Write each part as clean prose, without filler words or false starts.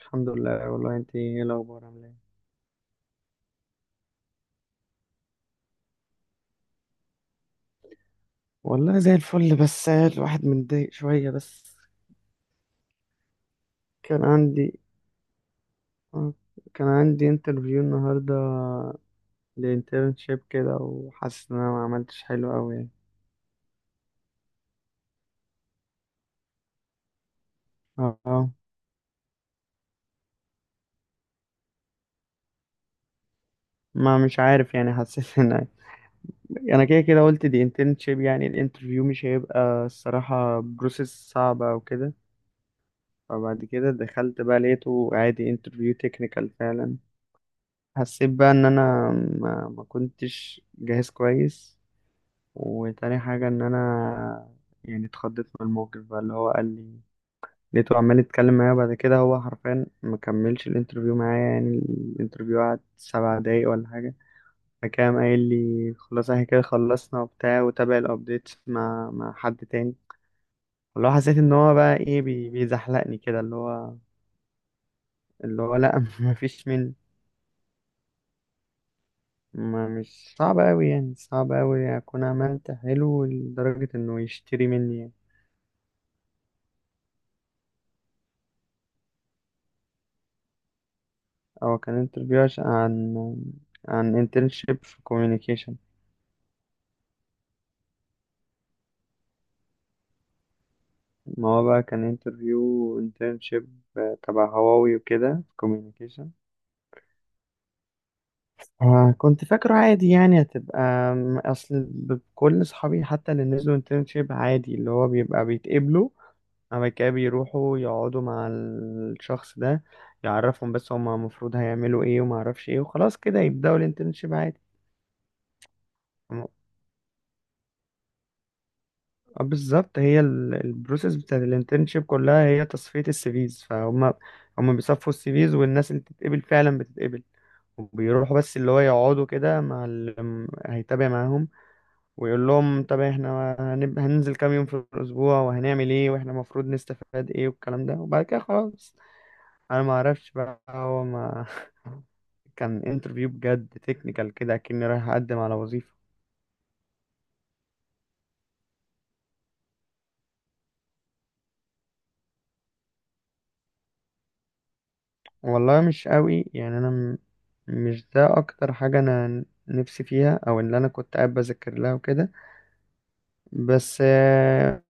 الحمد لله. والله انت ايه الاخبار، عامله ايه؟ والله زي الفل، بس الواحد متضايق شوية بس. كان عندي آه، كان عندي انترفيو النهاردة لانترنشيب كده، وحاسس ان انا ما عملتش حلو قوي يعني. اه آه، ما مش عارف يعني، حسيت ان انا كده كده قلت دي انترنشيب، يعني الانترفيو مش هيبقى الصراحة بروسيس صعبة او كده. فبعد كده دخلت بقى لقيته عادي انترفيو تكنيكال فعلا. حسيت بقى ان انا ما كنتش جاهز كويس، وتاني حاجة إن أنا يعني اتخضيت من الموقف بقى اللي هو قال لي. لقيته عمال يتكلم معايا، بعد كده هو حرفيا ما كملش الانترفيو معايا يعني. الانترفيو قعد سبع دقايق ولا حاجة. فكان قايل لي خلاص احنا كده خلصنا وبتاع، وتابع الابديت مع حد تاني، واللي هو حسيت ان هو بقى ايه، بيزحلقني كده اللي هو. اللي هو لا مفيش مني. ما مش صعب قوي يعني، صعب قوي اكون عملت حلو لدرجة انه يشتري مني يعني. هو كان انترفيو عشان عن انترنشيب في كوميونيكيشن. ما هو بقى كان انترفيو انترنشيب تبع هواوي وكده في كوميونيكيشن. آه، كنت فاكره عادي يعني هتبقى اصل كل اصحابي حتى اللي نزلوا انترنشيب عادي اللي هو بيبقى بيتقبلوا، بعد كده بيروحوا يقعدوا مع الشخص ده يعرفهم بس هما المفروض هيعملوا ايه، وما اعرفش ايه، وخلاص كده يبدأوا الانترنشيب عادي. آه، بالظبط، هي البروسيس بتاعت الانترنشيب كلها هي تصفية السيفيز. هم بيصفوا السيفيز، والناس اللي تتقبل فعلا بتتقبل، وبيروحوا بس اللي هو يقعدوا كده مع اللي هيتابع معاهم، ويقول لهم طب احنا هننزل كام يوم في الأسبوع وهنعمل ايه، واحنا المفروض نستفاد ايه، والكلام ده. وبعد كده خلاص، انا ما اعرفش بقى هو ما كان انترفيو بجد تكنيكال كده، كأني رايح اقدم على وظيفة. والله مش قوي يعني، انا مش ده اكتر حاجة انا نفسي فيها، او اللي انا كنت قاعد بذاكر لها وكده. بس آه،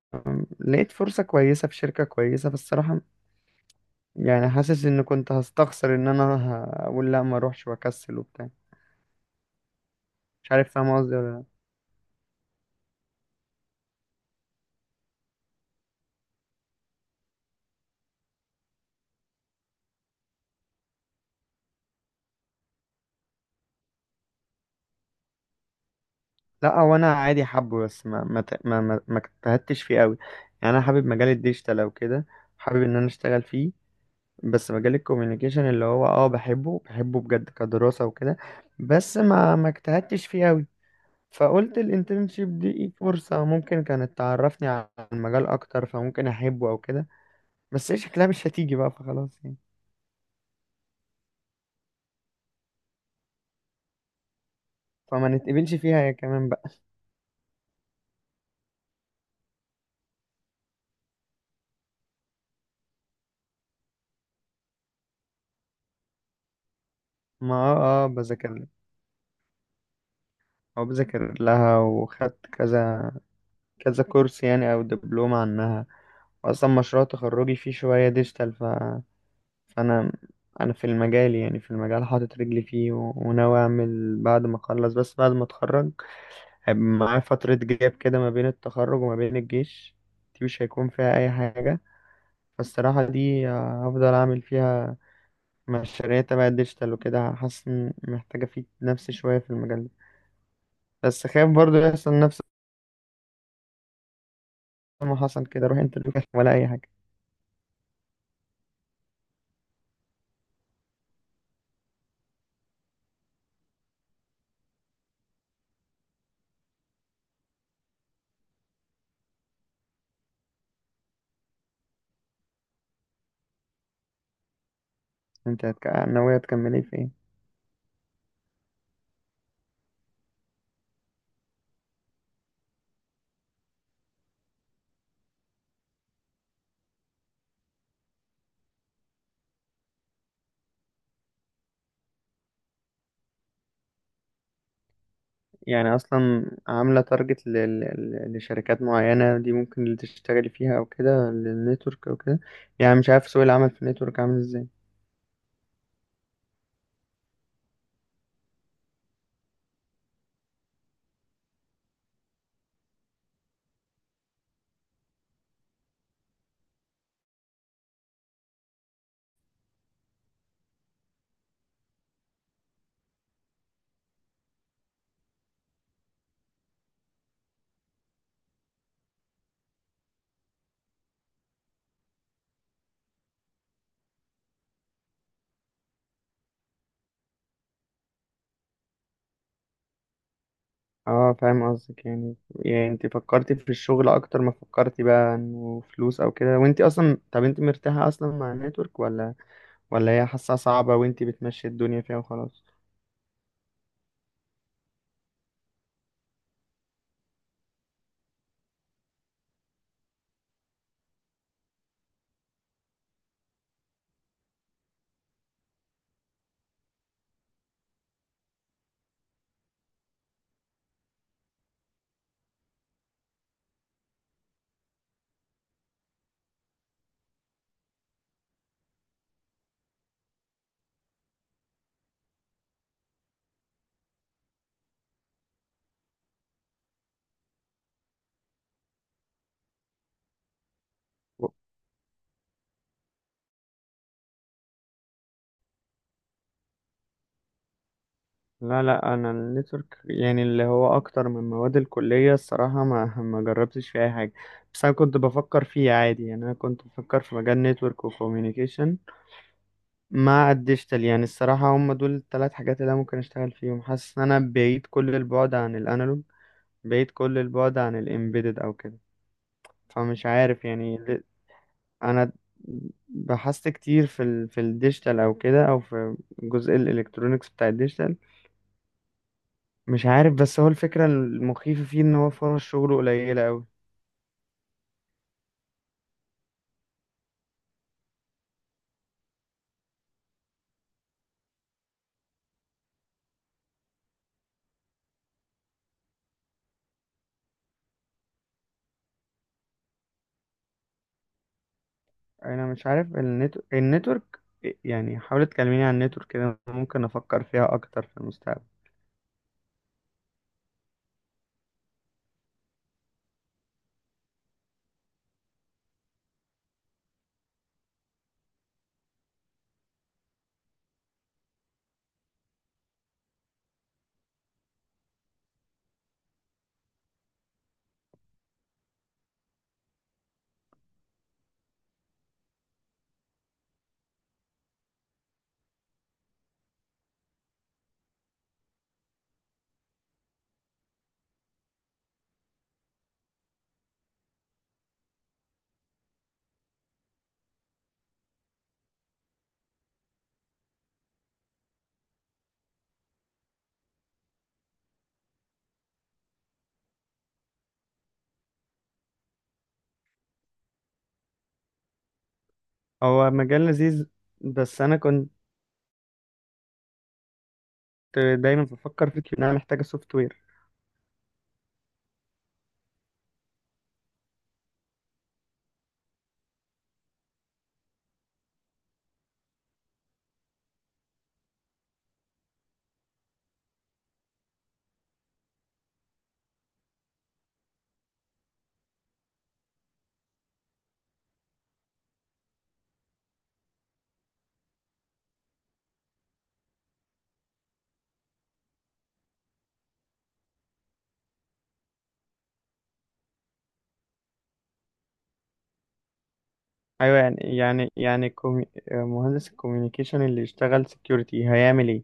لقيت فرصة كويسة في شركة كويسة، فالصراحة يعني حاسس ان كنت هستخسر ان انا اقول لا ما اروحش واكسل وبتاع. مش عارف، فاهم قصدي ولا لا؟ لا، هو انا عادي حابه، بس ما ما ت- ما ما ما اجتهدتش فيه قوي. يعني انا حابب مجال الديجيتال او كده، حابب ان انا اشتغل فيه. بس مجال الكوميونيكيشن اللي هو اه، بحبه بجد كدراسة وكده، بس ما اجتهدتش فيه قوي. فقلت الانترنشيب دي إيه، فرصة ممكن كانت تعرفني عن المجال اكتر، فممكن احبه او كده. بس هي شكلها مش هتيجي بقى، فخلاص يعني، فما نتقبلش فيها يا كمان بقى. ما اه بذاكر لها، او بذاكر لها وخدت كذا كورس يعني، او دبلوم عنها. اصلا مشروع تخرجي فيه شوية ديجيتال. فانا انا في المجال، يعني في المجال حاطط رجلي فيه، وناوي اعمل بعد ما اخلص، بس بعد ما اتخرج هيبقى معايا فترة جاب كده ما بين التخرج وما بين الجيش. دي مش هيكون فيها اي حاجة، فالصراحة دي آه، هفضل اعمل فيها مشاريع تبع الديجيتال وكده. حاسس إن محتاجة افيد نفسي شوية في المجال ده، بس خايف برضو يحصل نفس ما حصل كده، اروح انترفيو ولا اي حاجة. انت ناوية تكملي في ايه؟ يعني اصلا عامله تارجت لشركات معينه دي ممكن اللي تشتغلي فيها او كده، للنتورك او كده؟ يعني مش عارف سوق العمل في النتورك عامل ازاي. اه، فاهم قصدك يعني. يعني انت فكرتي في الشغل اكتر ما فكرتي بقى انه فلوس او كده. وانت اصلا، طب انت مرتاحه اصلا مع النتورك، ولا هي حاسه صعبه وانت بتمشي الدنيا فيها وخلاص؟ لا انا النتورك يعني اللي هو اكتر من مواد الكليه الصراحه ما ما جربتش في اي حاجه. بس انا كنت بفكر فيه عادي، يعني انا كنت بفكر في مجال نتورك وكوميونيكيشن مع الديجيتال. يعني الصراحه هم دول الثلاث حاجات اللي انا ممكن اشتغل فيهم. حاسس ان انا بعيد كل البعد عن الانالوج، بعيد كل البعد عن الامبيدد او كده. فمش عارف يعني انا بحثت كتير في في الديجيتال او كده، او في جزء الالكترونيكس بتاع الديجيتال. مش عارف، بس هو الفكرة المخيفة فيه ان هو فرص شغله قليلة اوي. انا مش عارف النتورك يعني. حاولت تكلميني عن النتورك كده، ممكن افكر فيها اكتر في المستقبل. هو مجال لذيذ، بس انا كنت دايما بفكر فيه ان انا محتاجة سوفت وير. ايوه يعني مهندس الكوميونيكيشن اللي يشتغل سكيورتي هيعمل ايه؟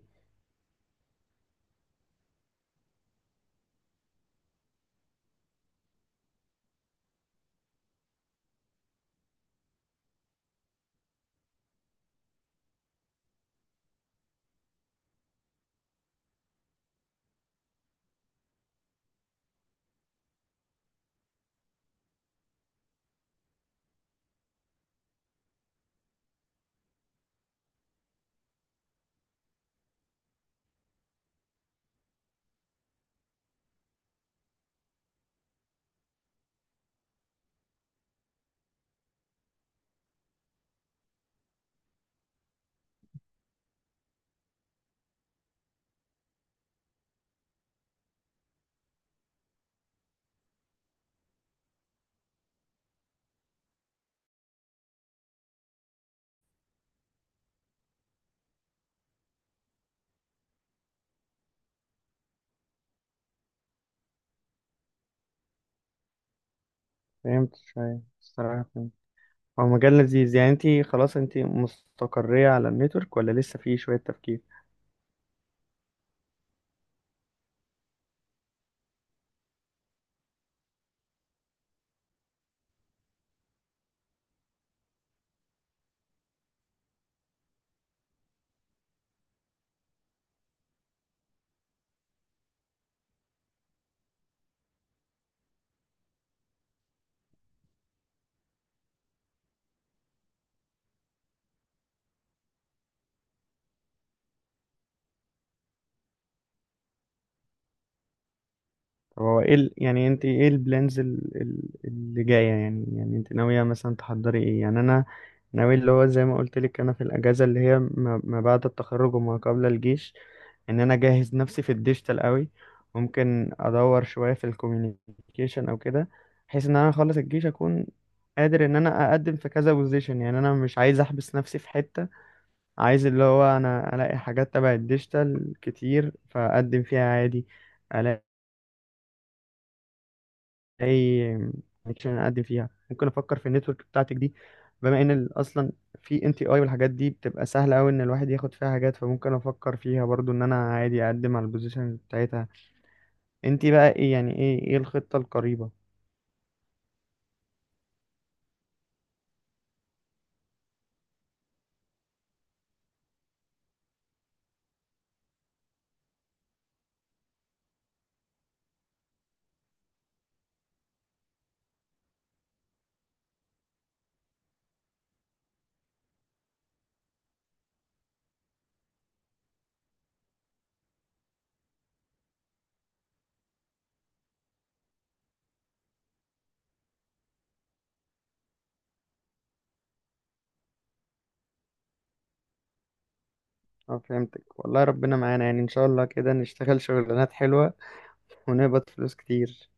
فهمت شوية الصراحة، فهمت. هو مجال لذيذ يعني. انتي خلاص انتي مستقرية على النتورك، ولا لسه فيه شوية تفكير؟ طب هو ايه يعني انت ايه البلانز اللي جايه؟ يعني يعني انت ناويه مثلا تحضري ايه؟ يعني انا ناوي اللي هو زي ما قلت لك، انا في الاجازه اللي هي ما بعد التخرج وما قبل الجيش، ان انا اجهز نفسي في الديجيتال قوي. ممكن ادور شويه في الكوميونيكيشن او كده، بحيث ان انا اخلص الجيش اكون قادر ان انا اقدم في كذا بوزيشن. يعني انا مش عايز احبس نفسي في حته، عايز اللي هو انا الاقي حاجات تبع الديجيتال كتير فاقدم فيها عادي. الاقي اي كونكشن اقدم فيها. ممكن افكر في النتورك بتاعتك دي، بما ان اصلا في NTI والحاجات دي بتبقى سهله قوي ان الواحد ياخد فيها حاجات، فممكن افكر فيها برضو ان انا عادي اقدم على البوزيشن بتاعتها. انت بقى ايه يعني، ايه الخطه القريبه؟ اه، فهمتك. والله ربنا معانا يعني، ان شاء الله كده نشتغل شغلانات حلوه ونقبض فلوس كتير.